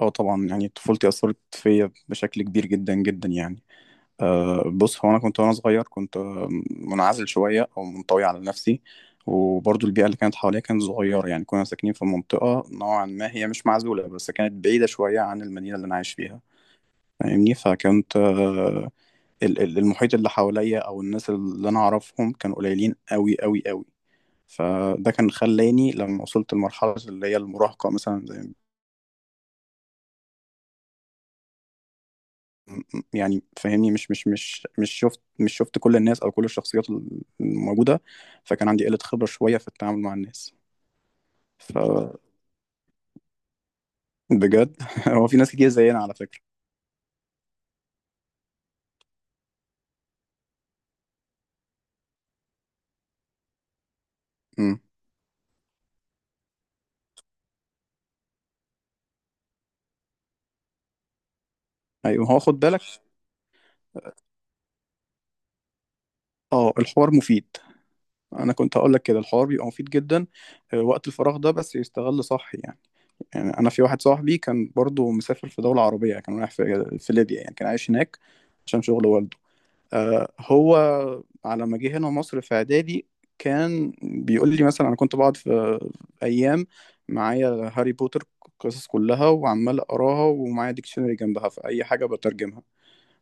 اه طبعا، يعني طفولتي أثرت فيا بشكل كبير جدا جدا يعني. بص، هو أنا كنت وأنا صغير كنت منعزل شوية أو منطوي على نفسي. وبرضو البيئة اللي كانت حواليا كانت صغيرة، يعني كنا ساكنين في منطقة نوعا ما، هي مش معزولة بس كانت بعيدة شوية عن المدينة اللي أنا عايش فيها. فاهمني؟ فكنت أه ال- ال- المحيط اللي حواليا أو الناس اللي أنا أعرفهم كانوا قليلين أوي أوي أوي. فده كان خلاني لما وصلت لمرحلة اللي هي المراهقة مثلا، يعني فاهمني مش شفت كل الناس او كل الشخصيات الموجوده، فكان عندي قله خبره شويه في التعامل مع الناس، فبجد. هو في ناس كتير زينا على فكره. امم، ايوه، هو خد بالك. اه، الحوار مفيد، انا كنت هقول لك كده، الحوار بيبقى مفيد جدا. وقت الفراغ ده بس يستغل صح يعني. يعني انا في واحد صاحبي كان برضو مسافر في دوله عربيه، كان رايح في ليبيا، يعني كان عايش هناك عشان شغل والده. هو على ما جه هنا مصر في اعدادي، كان بيقول لي مثلا انا كنت بقعد في ايام معايا هاري بوتر، القصص كلها وعمال اقراها، ومعايا ديكشنري جنبها في اي حاجه بترجمها،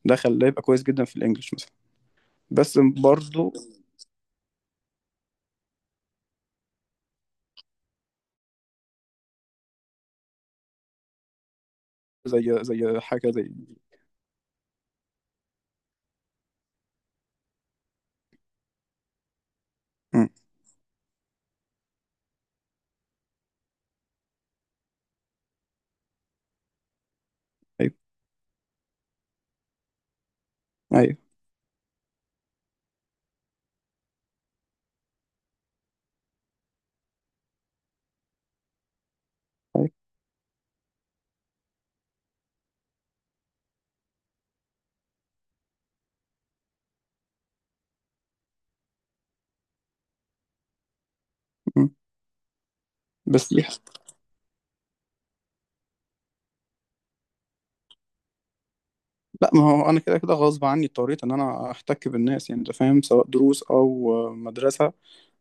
ده خلاه يبقى كويس جدا في الانجليش مثلا. بس برضه، زي حاجه زي. مم. ايوه، ايوه، ايوه. مم. بس دي، لا، ما هو انا كده كده غصب عني اضطريت ان انا احتك بالناس، يعني انت فاهم، سواء دروس او مدرسه.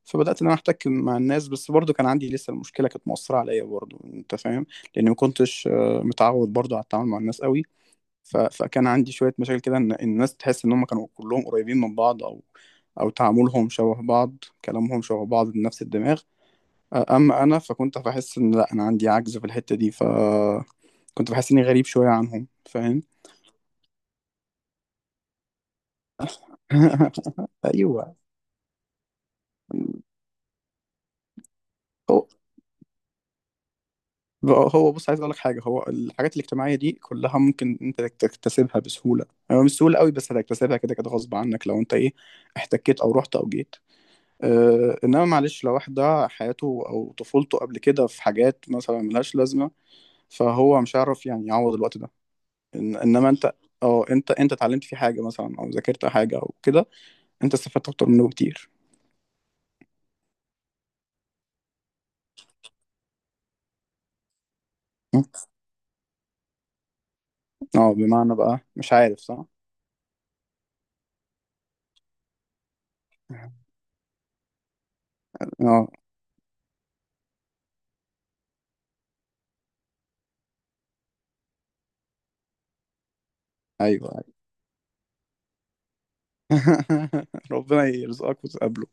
فبدات ان انا احتك مع الناس، بس برضو كان عندي لسه المشكله، كانت مؤثره عليا برضو، انت فاهم؟ لاني ما كنتش متعود برضو على التعامل مع الناس قوي. فكان عندي شويه مشاكل كده، ان الناس تحس ان هم كانوا كلهم قريبين من بعض، او او تعاملهم شبه بعض، كلامهم شبه بعض بنفس الدماغ. اما انا فكنت بحس ان لا، انا عندي عجز في الحته دي، ف كنت بحس اني غريب شويه عنهم، فاهم؟ ايوه. هو هو بص، عايز اقول لك حاجه، هو الحاجات الاجتماعيه دي كلها ممكن انت تكتسبها بسهوله، يعني مش سهوله قوي، بس هتكتسبها كده كده غصب عنك لو انت ايه، احتكيت او رحت او جيت. اه، انما معلش، لو واحد ده حياته او طفولته قبل كده في حاجات مثلا ملهاش لازمه، فهو مش هيعرف يعني يعوض الوقت ده. إن انما انت، اه، انت اتعلمت فيه حاجه مثلا او ذاكرت حاجه او كده، انت استفدت اكتر منه بكتير. اه، بمعنى بقى، مش عارف صح. اه. ايوه. ربنا يرزقك وتقابله.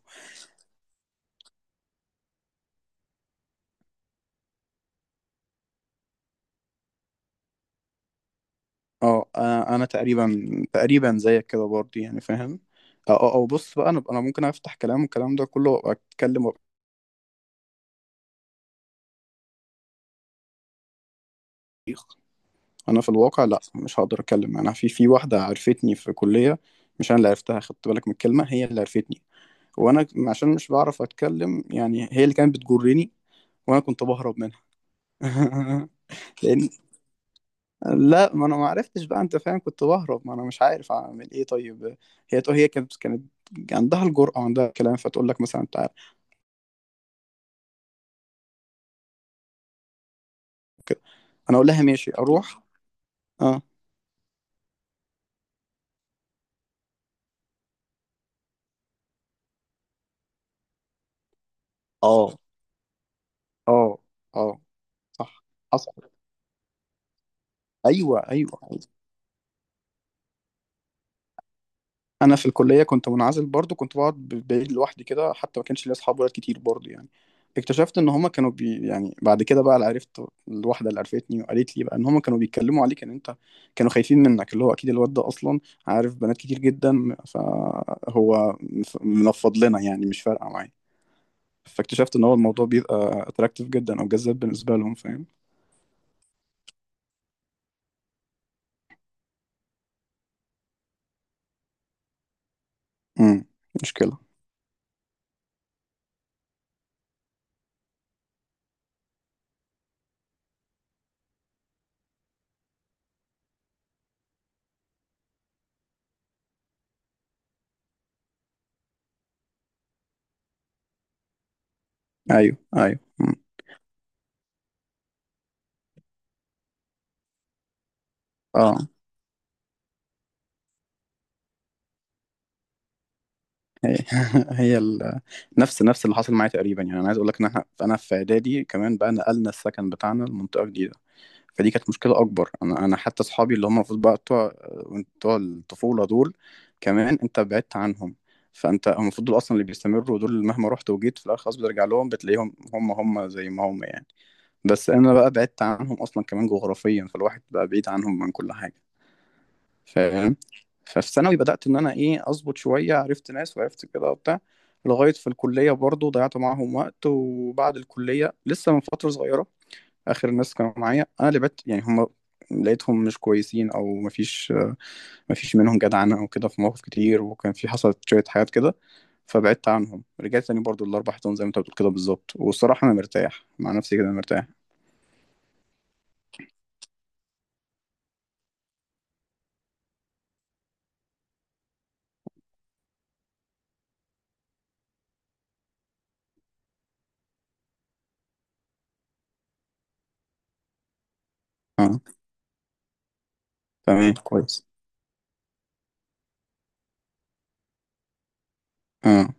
اه، انا تقريبا تقريبا زيك كده برضه، يعني فاهم. اه، اه، بص بقى، انا ممكن افتح كلام والكلام ده كله، وابقى اتكلم وابقى صريخ. انا في الواقع لا، مش هقدر اتكلم. انا في واحده عرفتني في كليه، مش انا اللي عرفتها، خدت بالك من الكلمه، هي اللي عرفتني، وانا عشان مش بعرف اتكلم يعني هي اللي كانت بتجرني، وانا كنت بهرب منها. لان لا، ما انا ما عرفتش بقى، انت فاهم، كنت بهرب، ما انا مش عارف اعمل ايه طيب. هي تقول، هي كانت عندها الجرأة وعندها الكلام، فتقول لك مثلا تعالى كده، انا اقول لها ماشي اروح. اه، اه، اه، اه، صح. حصل. ايوه، ايوه، أيوه. انا في الكليه كنت منعزل برضو، كنت بقعد بعيد لوحدي كده، حتى ما كانش ليا اصحاب ولاد كتير برضو يعني. اكتشفت ان هما كانوا بي، يعني بعد كده بقى اللي عرفت، الواحده اللي عرفتني وقالت لي بقى ان هما كانوا بيتكلموا عليك، ان انت كانوا خايفين منك، اللي هو اكيد الواد ده اصلا عارف بنات كتير جدا، فهو منفض لنا، يعني مش فارقه معايا. فاكتشفت ان هو الموضوع بيبقى اتراكتيف جدا او جذاب بالنسبه لهم، فاهم. امم. مشكله. ايوه، ايوه. امم. اه، هي هي ال... نفس اللي حصل معايا تقريبا، يعني انا عايز اقول لك ان احنا، انا في اعدادي كمان بقى نقلنا السكن بتاعنا لمنطقه جديده، فدي كانت مشكله اكبر. انا حتى اصحابي اللي هم المفروض بقى بتوع الطفوله دول، كمان انت بعدت عنهم، فانت هم المفروض دول اصلا اللي بيستمروا، دول اللي مهما رحت وجيت في الاخر خلاص بترجع لهم، بتلاقيهم هم هم زي ما هم يعني. بس انا بقى بعدت عنهم اصلا كمان جغرافيا، فالواحد بقى بعيد عنهم من كل حاجه، فاهم. ففي ثانوي بدأت إن أنا إيه أظبط شوية، عرفت ناس وعرفت كده وبتاع، لغاية في الكلية برضو ضيعت معاهم وقت، وبعد الكلية لسه من فترة صغيرة آخر الناس كانوا معايا، أنا اللي بت يعني هم لقيتهم مش كويسين أو مفيش، مفيش منهم جدعنة أو كده في مواقف كتير، وكان في حصلت شوية حاجات كده، فبعدت عنهم، رجعت تاني برضو الأربع حيطان زي ما أنت بتقول كده بالظبط، والصراحة أنا مرتاح مع نفسي كده، مرتاح. أه. تمام كويس. أه،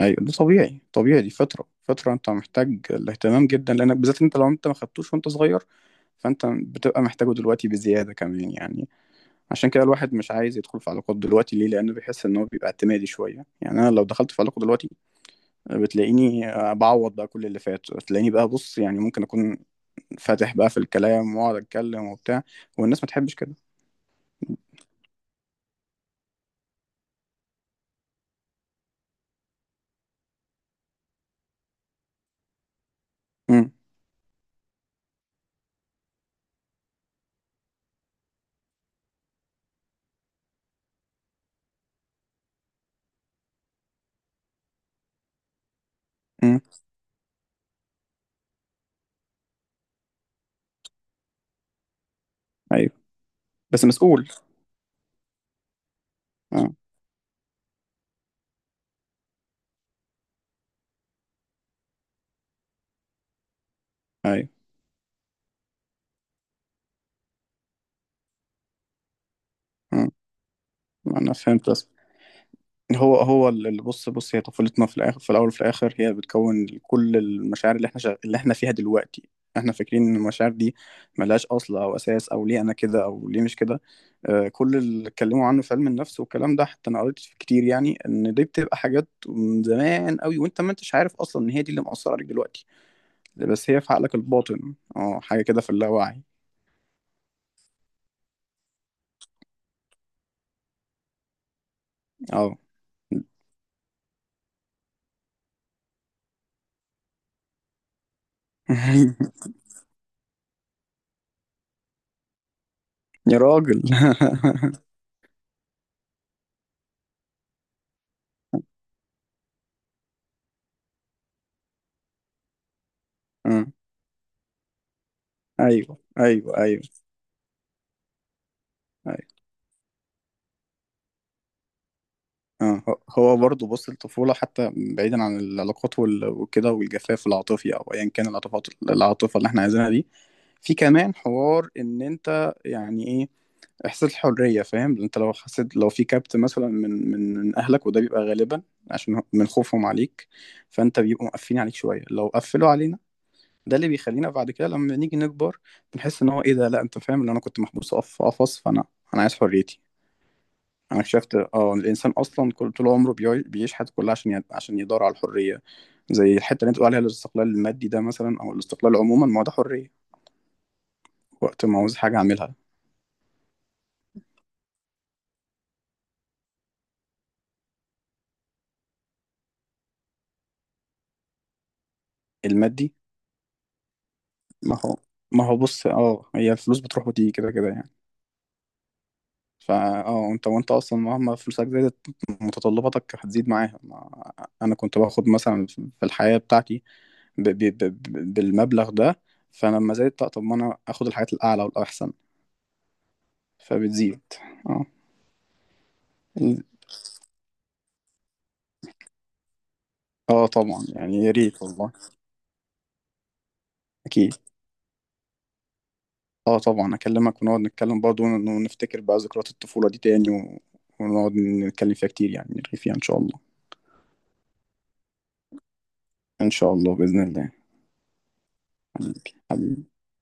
ايوه، ده طبيعي، طبيعي، دي فتره، فتره انت محتاج الاهتمام جدا، لانك بالذات انت لو انت ما خدتوش وانت صغير، فانت بتبقى محتاجه دلوقتي بزياده كمان يعني. عشان كده الواحد مش عايز يدخل في علاقات دلوقتي ليه؟ لانه بيحس ان هو بيبقى اعتمادي شويه. يعني انا لو دخلت في علاقه دلوقتي، بتلاقيني بعوض بقى كل اللي فات، بتلاقيني بقى، بص يعني، ممكن اكون فاتح بقى في الكلام، واقعد اتكلم وبتاع، والناس ما تحبش كده. امم. امم. ايوه، بس مسؤول. اه. ايوه. امم. انا فهمت، هو هو اللي، بص بص، هي طفولتنا في الاخر، في الاول وفي الاخر هي بتكون كل المشاعر اللي احنا اللي احنا فيها دلوقتي. احنا فاكرين ان المشاعر دي ملهاش اصل او اساس، او ليه انا كده او ليه مش كده. آه، كل اللي اتكلموا عنه في علم النفس والكلام ده، حتى انا قريت فيه كتير، يعني ان دي بتبقى حاجات من زمان قوي، وانت ما انتش عارف اصلا ان هي دي اللي مأثره عليك دلوقتي، بس هي في عقلك الباطن، اه، حاجه كده في اللاوعي. اه. يا راجل. آه، ايوه، ايوه، ايوه. اه، هو هو برضه، بص، الطفولة حتى بعيدا عن العلاقات وكده، والجفاف العاطفي أو أيا كان العاطفات العاطفة اللي احنا عايزينها دي، في كمان حوار، إن أنت يعني إيه إحساس الحرية، فاهم، أنت لو حسيت لو في كبت مثلا من أهلك، وده بيبقى غالبا عشان من خوفهم عليك، فأنت بيبقوا مقفلين عليك شوية، لو قفلوا علينا ده اللي بيخلينا بعد كده لما نيجي نكبر، بنحس إن هو إيه ده، لا، أنت فاهم إن أنا كنت محبوس في قفص، فأنا عايز حريتي. انا اكتشفت اه إن الانسان اصلا كل طول عمره بيعيش حياته كلها عشان عشان يدور على الحريه، زي الحته اللي انت بتقول عليها الاستقلال المادي ده مثلا، او الاستقلال عموما، ما هو ده حريه، وقت ما عاوز حاجه اعملها. المادي. ما هو، بص، اه، هي الفلوس بتروح وتيجي كده كده يعني. فا اه انت وانت اصلا مهما فلوسك زادت، متطلباتك هتزيد معاها. انا كنت باخد مثلا في الحياه بتاعتي، بالمبلغ ده، فلما زادت، طب ما انا اخد الحاجات الاعلى والاحسن، فبتزيد. اه. اه، طبعا يعني يا ريت والله. اكيد. اه، طبعا اكلمك ونقعد نتكلم برضه، ونفتكر بقى ذكريات الطفولة دي تاني ونقعد نتكلم فيها كتير، يعني نرغي فيها ان شاء الله. ان شاء الله بإذن الله. حبيبي حبيبي.